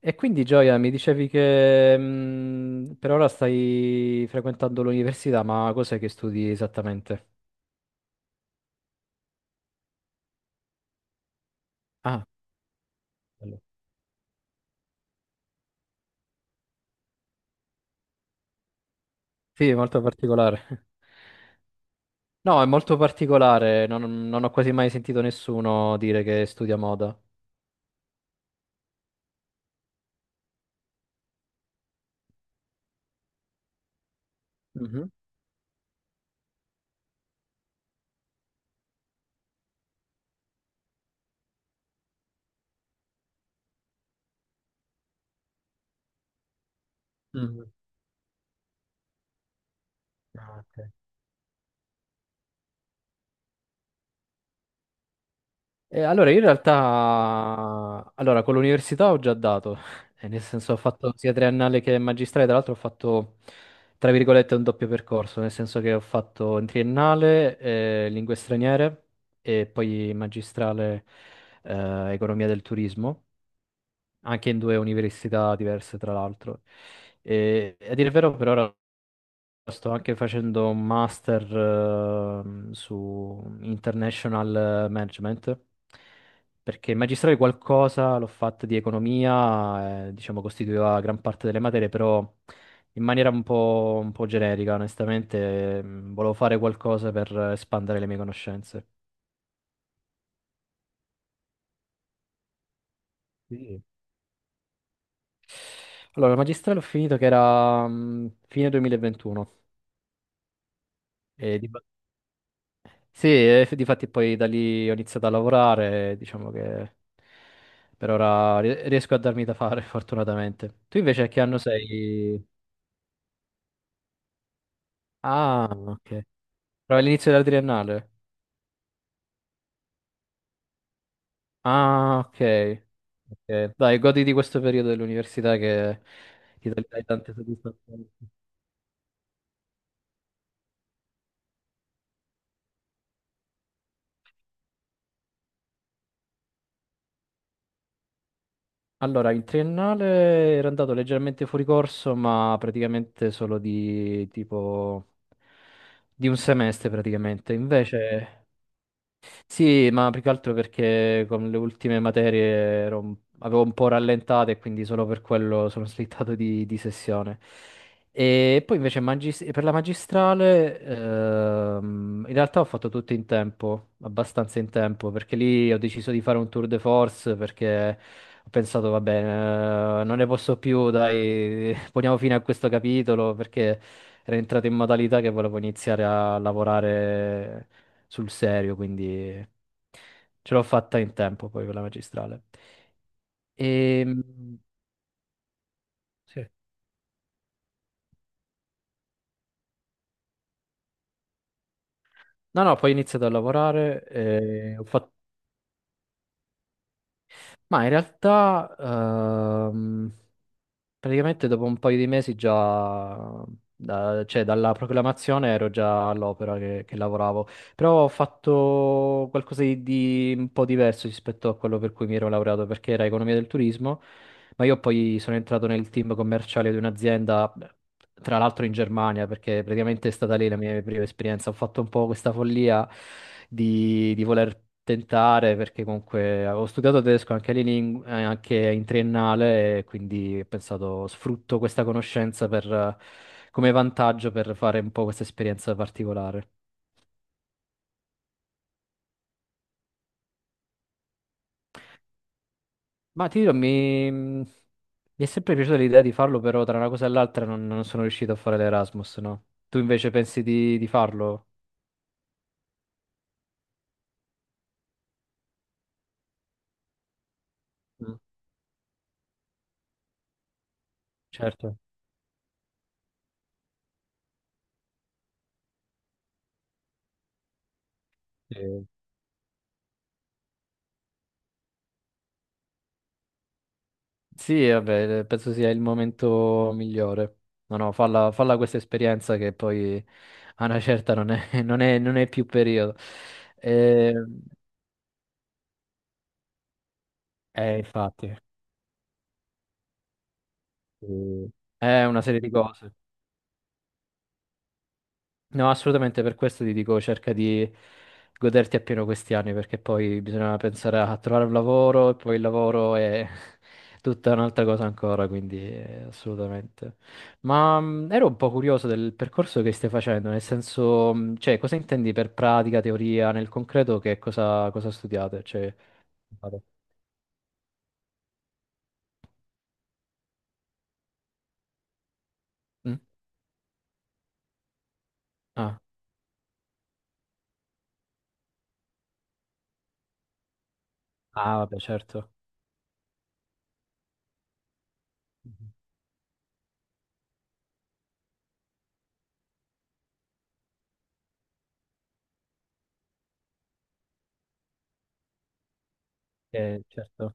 E quindi Gioia, mi dicevi che per ora stai frequentando l'università, ma cos'è che studi esattamente? Ah, bello. Sì, è molto particolare. No, è molto particolare, non ho quasi mai sentito nessuno dire che studia moda. Mhm. Mhm. Ah, ok. Allora, io in realtà, allora, con l'università ho già dato. Nel senso ho fatto sia triennale che magistrale, tra l'altro ho fatto, tra virgolette, un doppio percorso, nel senso che ho fatto in triennale lingue straniere e poi in magistrale economia del turismo, anche in due università diverse, tra l'altro. E, a dire il vero, per ora sto anche facendo un master su International Management, perché il magistrale qualcosa l'ho fatto di economia, diciamo costituiva gran parte delle materie, però in maniera un po' generica, onestamente, volevo fare qualcosa per espandere le mie conoscenze. Sì. Allora, il magistrale ho finito che era fine 2021 e di sì, e difatti poi da lì ho iniziato a lavorare, diciamo che per ora riesco a darmi da fare, fortunatamente. Tu invece a che anno sei? Ah, ok. Però all'inizio della triennale. Ah, ok. Ok. Dai, goditi questo periodo dell'università che ti dà dai tante soddisfazioni. Allora, il triennale era andato leggermente fuori corso, ma praticamente solo di tipo di un semestre praticamente. Invece sì, ma più che altro perché con le ultime materie ero avevo un po' rallentato e quindi solo per quello sono slittato di sessione. E poi invece per la magistrale, in realtà ho fatto tutto in tempo, abbastanza in tempo, perché lì ho deciso di fare un tour de force perché ho pensato, va bene, non ne posso più, dai, poniamo fine a questo capitolo perché ero entrato in modalità che volevo iniziare a lavorare sul serio, quindi ce l'ho fatta in tempo poi con la magistrale. E, sì, no, no, poi ho iniziato a lavorare, e ho fatto... ma in realtà ehm, praticamente dopo un paio di mesi già, cioè dalla proclamazione ero già all'opera che lavoravo. Però ho fatto qualcosa di un po' diverso rispetto a quello per cui mi ero laureato, perché era economia del turismo, ma io poi sono entrato nel team commerciale di un'azienda, beh, tra l'altro in Germania, perché praticamente è stata lì la mia prima esperienza. Ho fatto un po' questa follia di voler tentare, perché comunque avevo studiato tedesco anche, lì anche in triennale, e quindi ho pensato sfrutto questa conoscenza per, come vantaggio per fare un po' questa esperienza particolare. Ma ti dirò, mi è sempre piaciuta l'idea di farlo, però tra una cosa e l'altra non sono riuscito a fare l'Erasmus, no? Tu invece pensi di farlo? Mm. Certo. Eh, sì, vabbè, penso sia il momento migliore. No, no, falla, falla questa esperienza che poi a una certa non è, non è più periodo. Eh, infatti, eh, è una serie di cose. No, assolutamente per questo ti dico, cerca di goderti appieno questi anni, perché poi bisogna pensare a trovare un lavoro e poi il lavoro è tutta un'altra cosa ancora, quindi assolutamente. Ma ero un po' curioso del percorso che stai facendo, nel senso, cioè, cosa intendi per pratica, teoria, nel concreto cosa studiate? Cioè, vado. Mm? Ah. Ah, vabbè, certo. Mhm. Certo,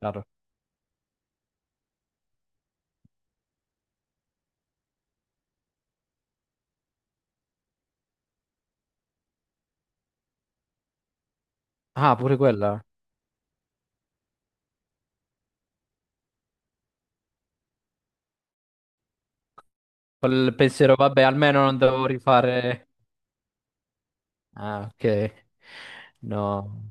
chiaro. Ah, pure quella. Col pensiero, vabbè, almeno non devo rifare... Ah, ok. No.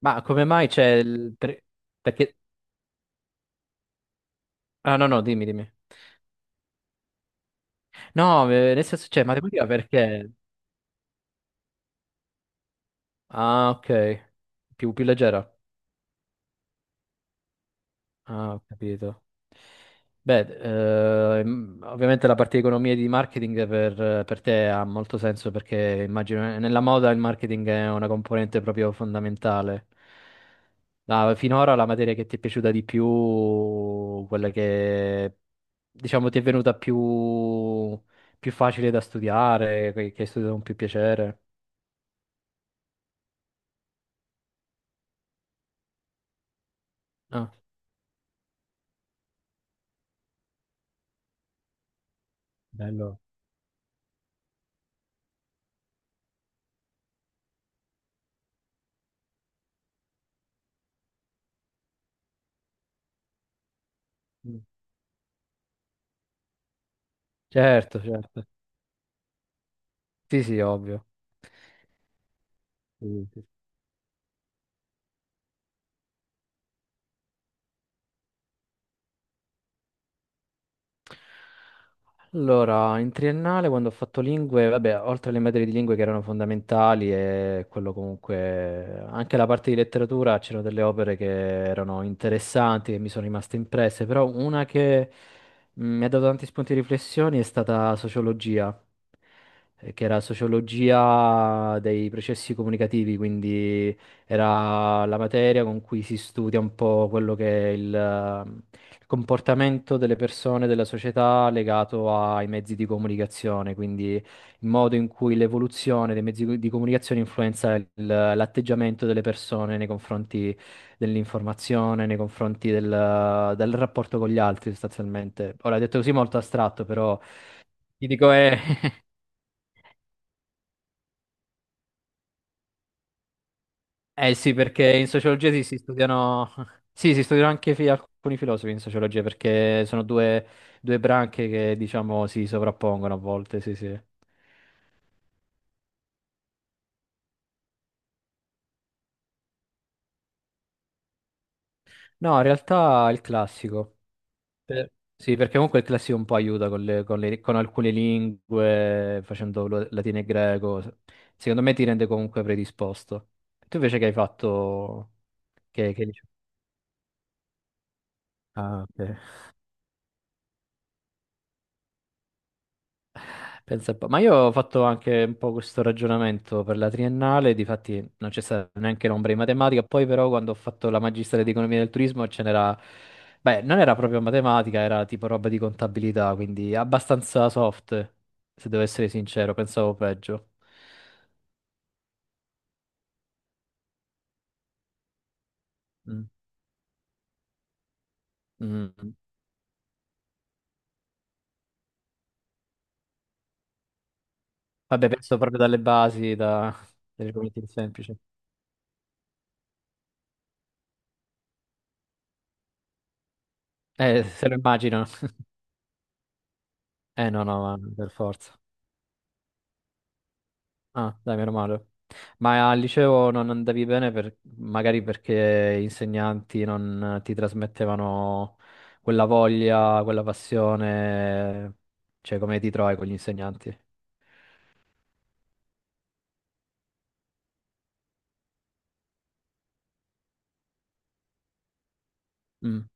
Ma come mai c'è il... perché... Ah, no, no, dimmi, dimmi. No, nel senso c'è matematica perché... Ah, ok. Più, più leggera. Ah, ho capito. Beh, ovviamente la parte di economia e di marketing per te ha molto senso perché immagino nella moda il marketing è una componente proprio fondamentale. Ma finora la materia che ti è piaciuta di più, quella che diciamo ti è più facile da studiare, che hai studiato con più piacere. Ah, bello. Mm. Certo, certo. Sì, sì, ovvio. Sì, sì. Allora, in triennale quando ho fatto lingue, vabbè, oltre alle materie di lingue che erano fondamentali e quello comunque, anche la parte di letteratura, c'erano delle opere che erano interessanti, che mi sono rimaste impresse, però una che mi ha dato tanti spunti di riflessione è stata sociologia, che era sociologia dei processi comunicativi, quindi era la materia con cui si studia un po' quello che è il comportamento delle persone, della società legato ai mezzi di comunicazione, quindi il modo in cui l'evoluzione dei mezzi di comunicazione influenza l'atteggiamento delle persone nei confronti dell'informazione, nei confronti del rapporto con gli altri, sostanzialmente. Ora, detto così molto astratto, però ti dico è eh sì, perché in sociologia sì, si studiano, sì, si studiano anche alcuni filosofi in sociologia, perché sono due, due branche che diciamo si sovrappongono a volte, sì, sì. No, in realtà è il classico. Per- sì, perché comunque il classico un po' aiuta con con alcune lingue, facendo latino e greco. Secondo me ti rende comunque predisposto. Tu invece che hai fatto... che... liceo? Ah, ok. Pensa un po'. Ma io ho fatto anche un po' questo ragionamento per la triennale, difatti non c'è stata neanche l'ombra di matematica, poi però quando ho fatto la magistrale di economia del turismo ce n'era, beh, non era proprio matematica, era tipo roba di contabilità, quindi abbastanza soft, se devo essere sincero, pensavo peggio. Mm, mm. Vabbè, penso proprio dalle basi, da... delle argomenti semplici. Se lo immagino. Eh no, no, ma per forza. Ah, dai, meno male. Ma al liceo non andavi bene magari perché gli insegnanti non ti trasmettevano quella voglia, quella passione, cioè come ti trovi con gli insegnanti? Mm.